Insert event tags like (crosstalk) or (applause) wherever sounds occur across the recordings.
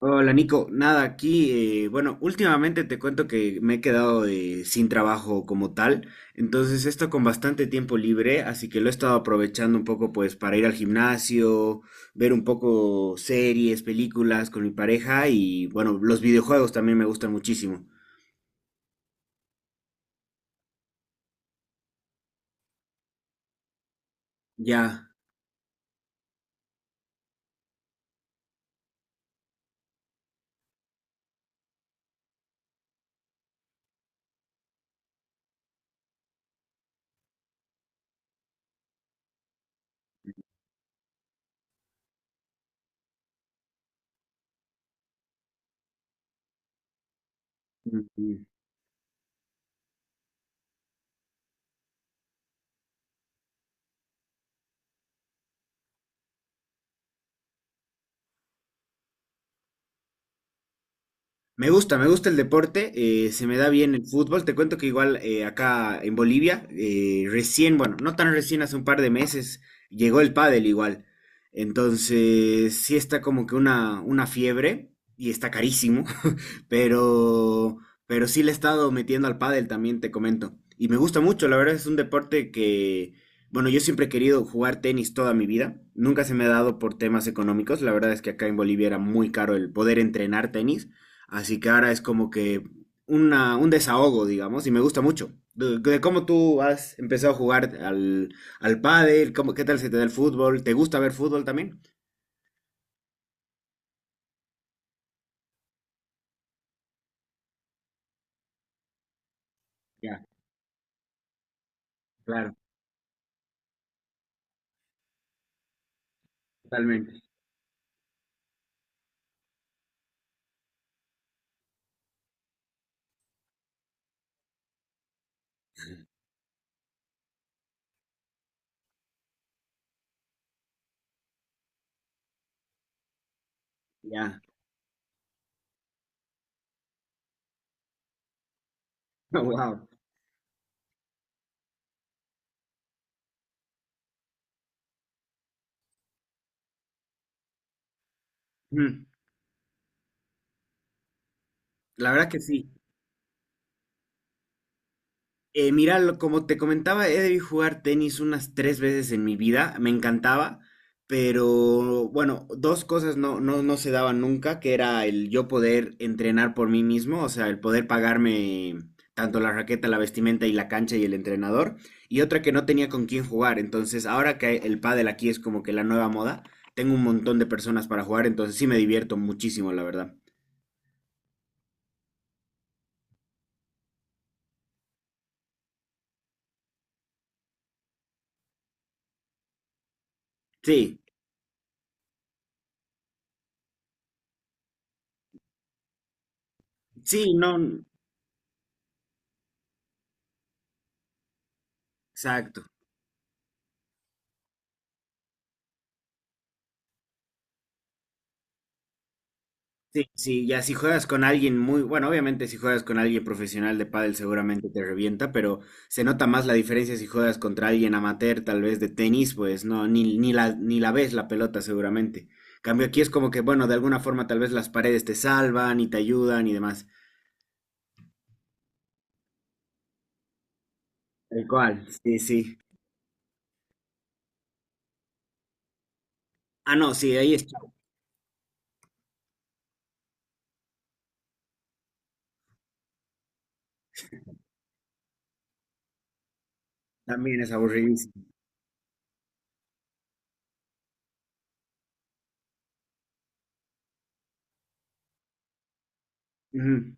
Hola Nico, nada aquí. Bueno, últimamente te cuento que me he quedado sin trabajo como tal, entonces esto con bastante tiempo libre, así que lo he estado aprovechando un poco pues para ir al gimnasio, ver un poco series, películas con mi pareja y bueno, los videojuegos también me gustan muchísimo. Ya. Me gusta el deporte, se me da bien el fútbol. Te cuento que igual acá en Bolivia, recién, bueno, no tan recién, hace un par de meses, llegó el pádel igual. Entonces, sí está como que una fiebre y está carísimo, (laughs) pero, pero sí le he estado metiendo al pádel también, te comento. Y me gusta mucho, la verdad es un deporte que, bueno, yo siempre he querido jugar tenis toda mi vida. Nunca se me ha dado por temas económicos. La verdad es que acá en Bolivia era muy caro el poder entrenar tenis. Así que ahora es como que una, un desahogo, digamos, y me gusta mucho. De cómo tú has empezado a jugar al, al pádel, cómo, qué tal se te da el fútbol, ¿te gusta ver fútbol también? Ya, claro, totalmente. Ya. (laughs) Wow. Mm. La verdad que sí. Mira, lo- como te comentaba, he debido jugar tenis unas tres veces en mi vida, me encantaba, pero bueno, dos cosas no, no, no se daban nunca, que era el yo poder entrenar por mí mismo, o sea, el poder pagarme tanto la raqueta, la vestimenta y la cancha y el entrenador, y otra que no tenía con quién jugar, entonces ahora que el pádel aquí es como que la nueva moda, tengo un montón de personas para jugar, entonces sí me divierto muchísimo, la verdad. Sí, sí, no, exacto. Sí, sí, ya si juegas con alguien muy, bueno, obviamente si juegas con alguien profesional de pádel seguramente te revienta, pero se nota más la diferencia si juegas contra alguien amateur, tal vez de tenis, pues no, ni la ves la pelota seguramente. Cambio aquí es como que, bueno, de alguna forma tal vez las paredes te salvan y te ayudan y demás. Tal cual, sí, sí. Ah, no, sí, ahí está. También es aburridísimo. Ujú.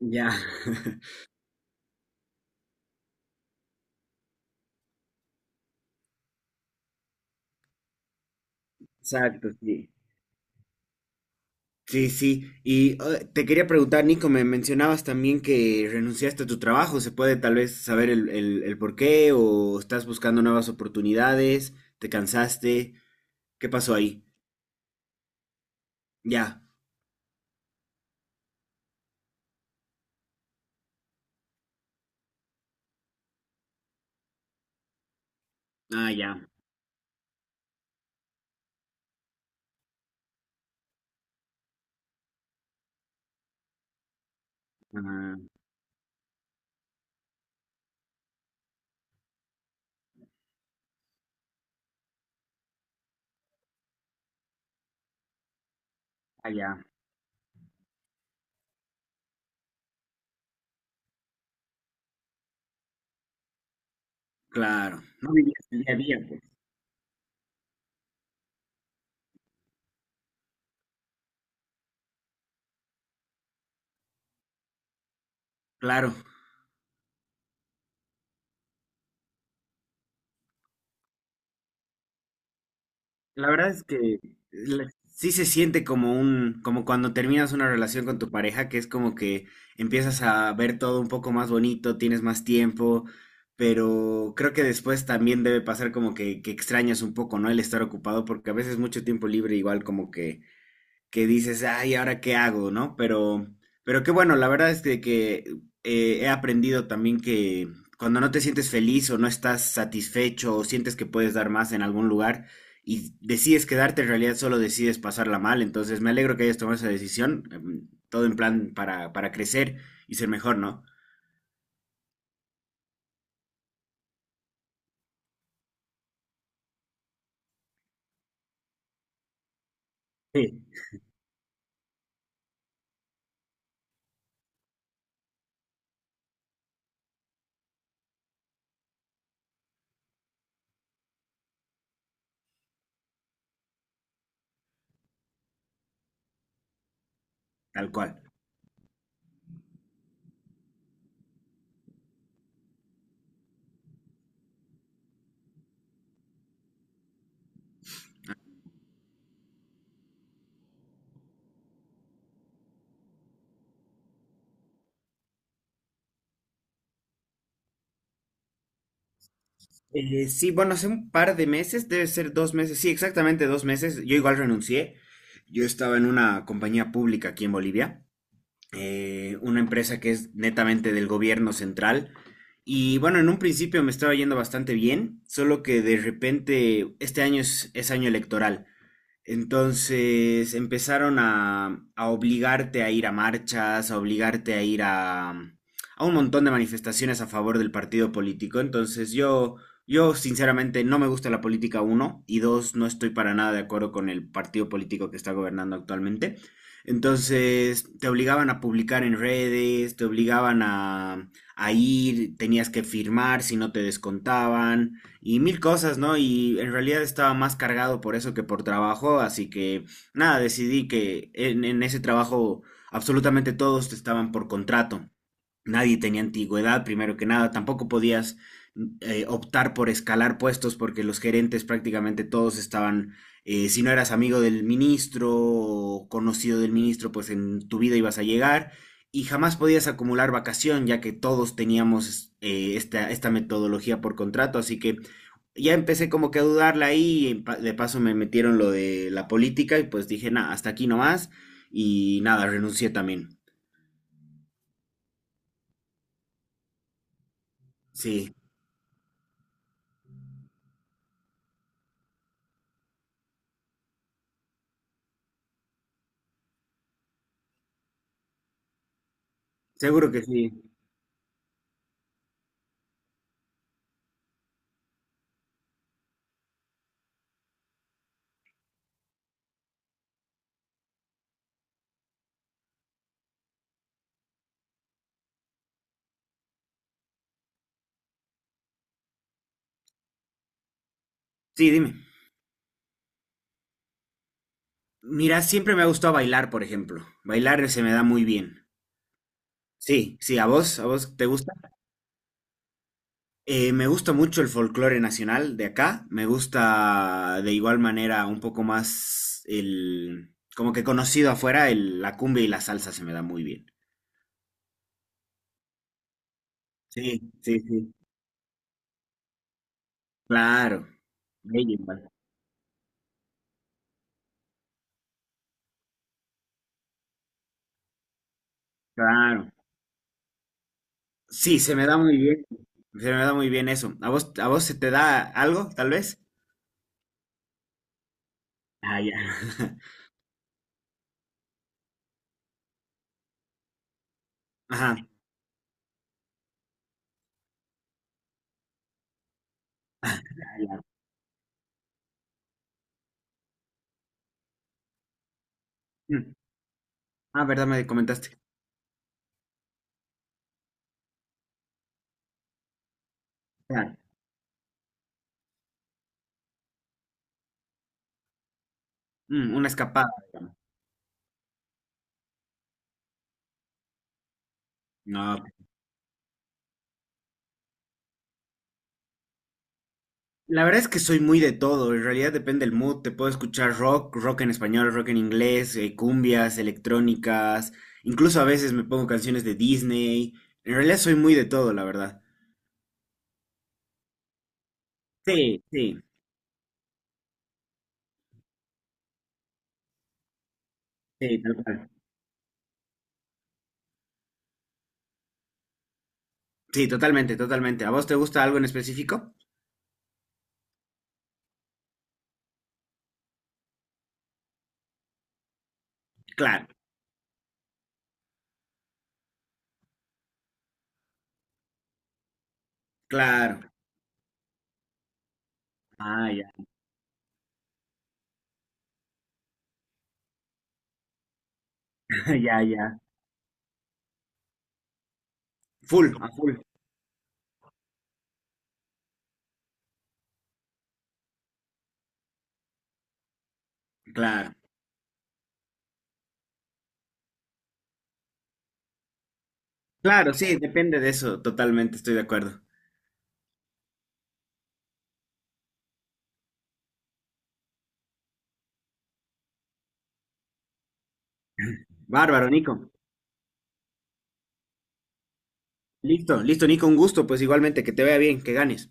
Ya. (laughs) Exacto, sí. Sí, sí. Y te quería preguntar, Nico, me mencionabas también que renunciaste a tu trabajo. ¿Se puede tal vez saber el por qué o estás buscando nuevas oportunidades? ¿Te cansaste? ¿Qué pasó ahí? Ya. Ah, ya. Ah, ah, ya. Claro. No vivías el día a día, pues. Claro. La verdad es que la- sí se siente como un, como cuando terminas una relación con tu pareja, que es como que empiezas a ver todo un poco más bonito, tienes más tiempo, pero creo que después también debe pasar como que extrañas un poco, ¿no? El estar ocupado, porque a veces mucho tiempo libre igual como que dices, ay, ¿ahora qué hago? ¿No? Pero qué bueno, la verdad es que, he aprendido también que cuando no te sientes feliz o no estás satisfecho o sientes que puedes dar más en algún lugar y decides quedarte, en realidad solo decides pasarla mal. Entonces me alegro que hayas tomado esa decisión, em, todo en plan para crecer y ser mejor, ¿no? Sí. Tal cual. Sí, bueno, hace un par de meses, debe ser dos meses, sí, exactamente dos meses, yo igual renuncié. Yo estaba en una compañía pública aquí en Bolivia una empresa que es netamente del gobierno central. Y bueno, en un principio me estaba yendo bastante bien, solo que de repente este año es año electoral. Entonces empezaron a obligarte a ir a marchas, a obligarte a ir a, a un montón de manifestaciones a favor del partido político. Entonces yo sinceramente no me gusta la política, uno, y dos, no estoy para nada de acuerdo con el partido político que está gobernando actualmente. Entonces te obligaban a publicar en redes, te obligaban a ir, tenías que firmar si no te descontaban y mil cosas, ¿no? Y en realidad estaba más cargado por eso que por trabajo, así que nada, decidí que en ese trabajo absolutamente todos estaban por contrato. Nadie tenía antigüedad, primero que nada. Tampoco podías optar por escalar puestos porque los gerentes prácticamente todos estaban, si no eras amigo del ministro o conocido del ministro, pues en tu vida ibas a llegar y jamás podías acumular vacación ya que todos teníamos esta metodología por contrato. Así que ya empecé como que a dudarla ahí, y de paso me metieron lo de la política y pues dije, nada, hasta aquí nomás y nada, renuncié también. Sí, seguro que sí. Sí, dime. Mira, siempre me ha gustado bailar, por ejemplo. Bailar se me da muy bien. Sí, sí, ¿a vos? ¿A vos te gusta? Me gusta mucho el folclore nacional de acá. Me gusta de igual manera un poco más el... Como que conocido afuera, el- la cumbia y la salsa se me da muy bien. Sí, sí, sí. Claro. Bello igual. Claro. Sí, se me da muy bien. Se me da muy bien eso. A vos se te da algo, tal vez? Ah, ya. (laughs) Ajá. Ah, ya. Mm. Ah, verdad, me comentaste. Claro, mm, una escapada, digamos. No, la verdad es que soy muy de todo, en realidad depende del mood, te puedo escuchar rock, rock en español, rock en inglés, cumbias, electrónicas, incluso a veces me pongo canciones de Disney, en realidad soy muy de todo, la verdad. Sí, sí, sí, tal cual. Sí, totalmente, totalmente. ¿A vos te gusta algo en específico? Claro, claro. Ah, ya. (laughs) Ya, ya. Full, a full. Claro. Claro, sí, depende de eso, totalmente, estoy de acuerdo. Bárbaro, Nico. Listo, listo, Nico, un gusto, pues igualmente, que te vaya bien, que ganes.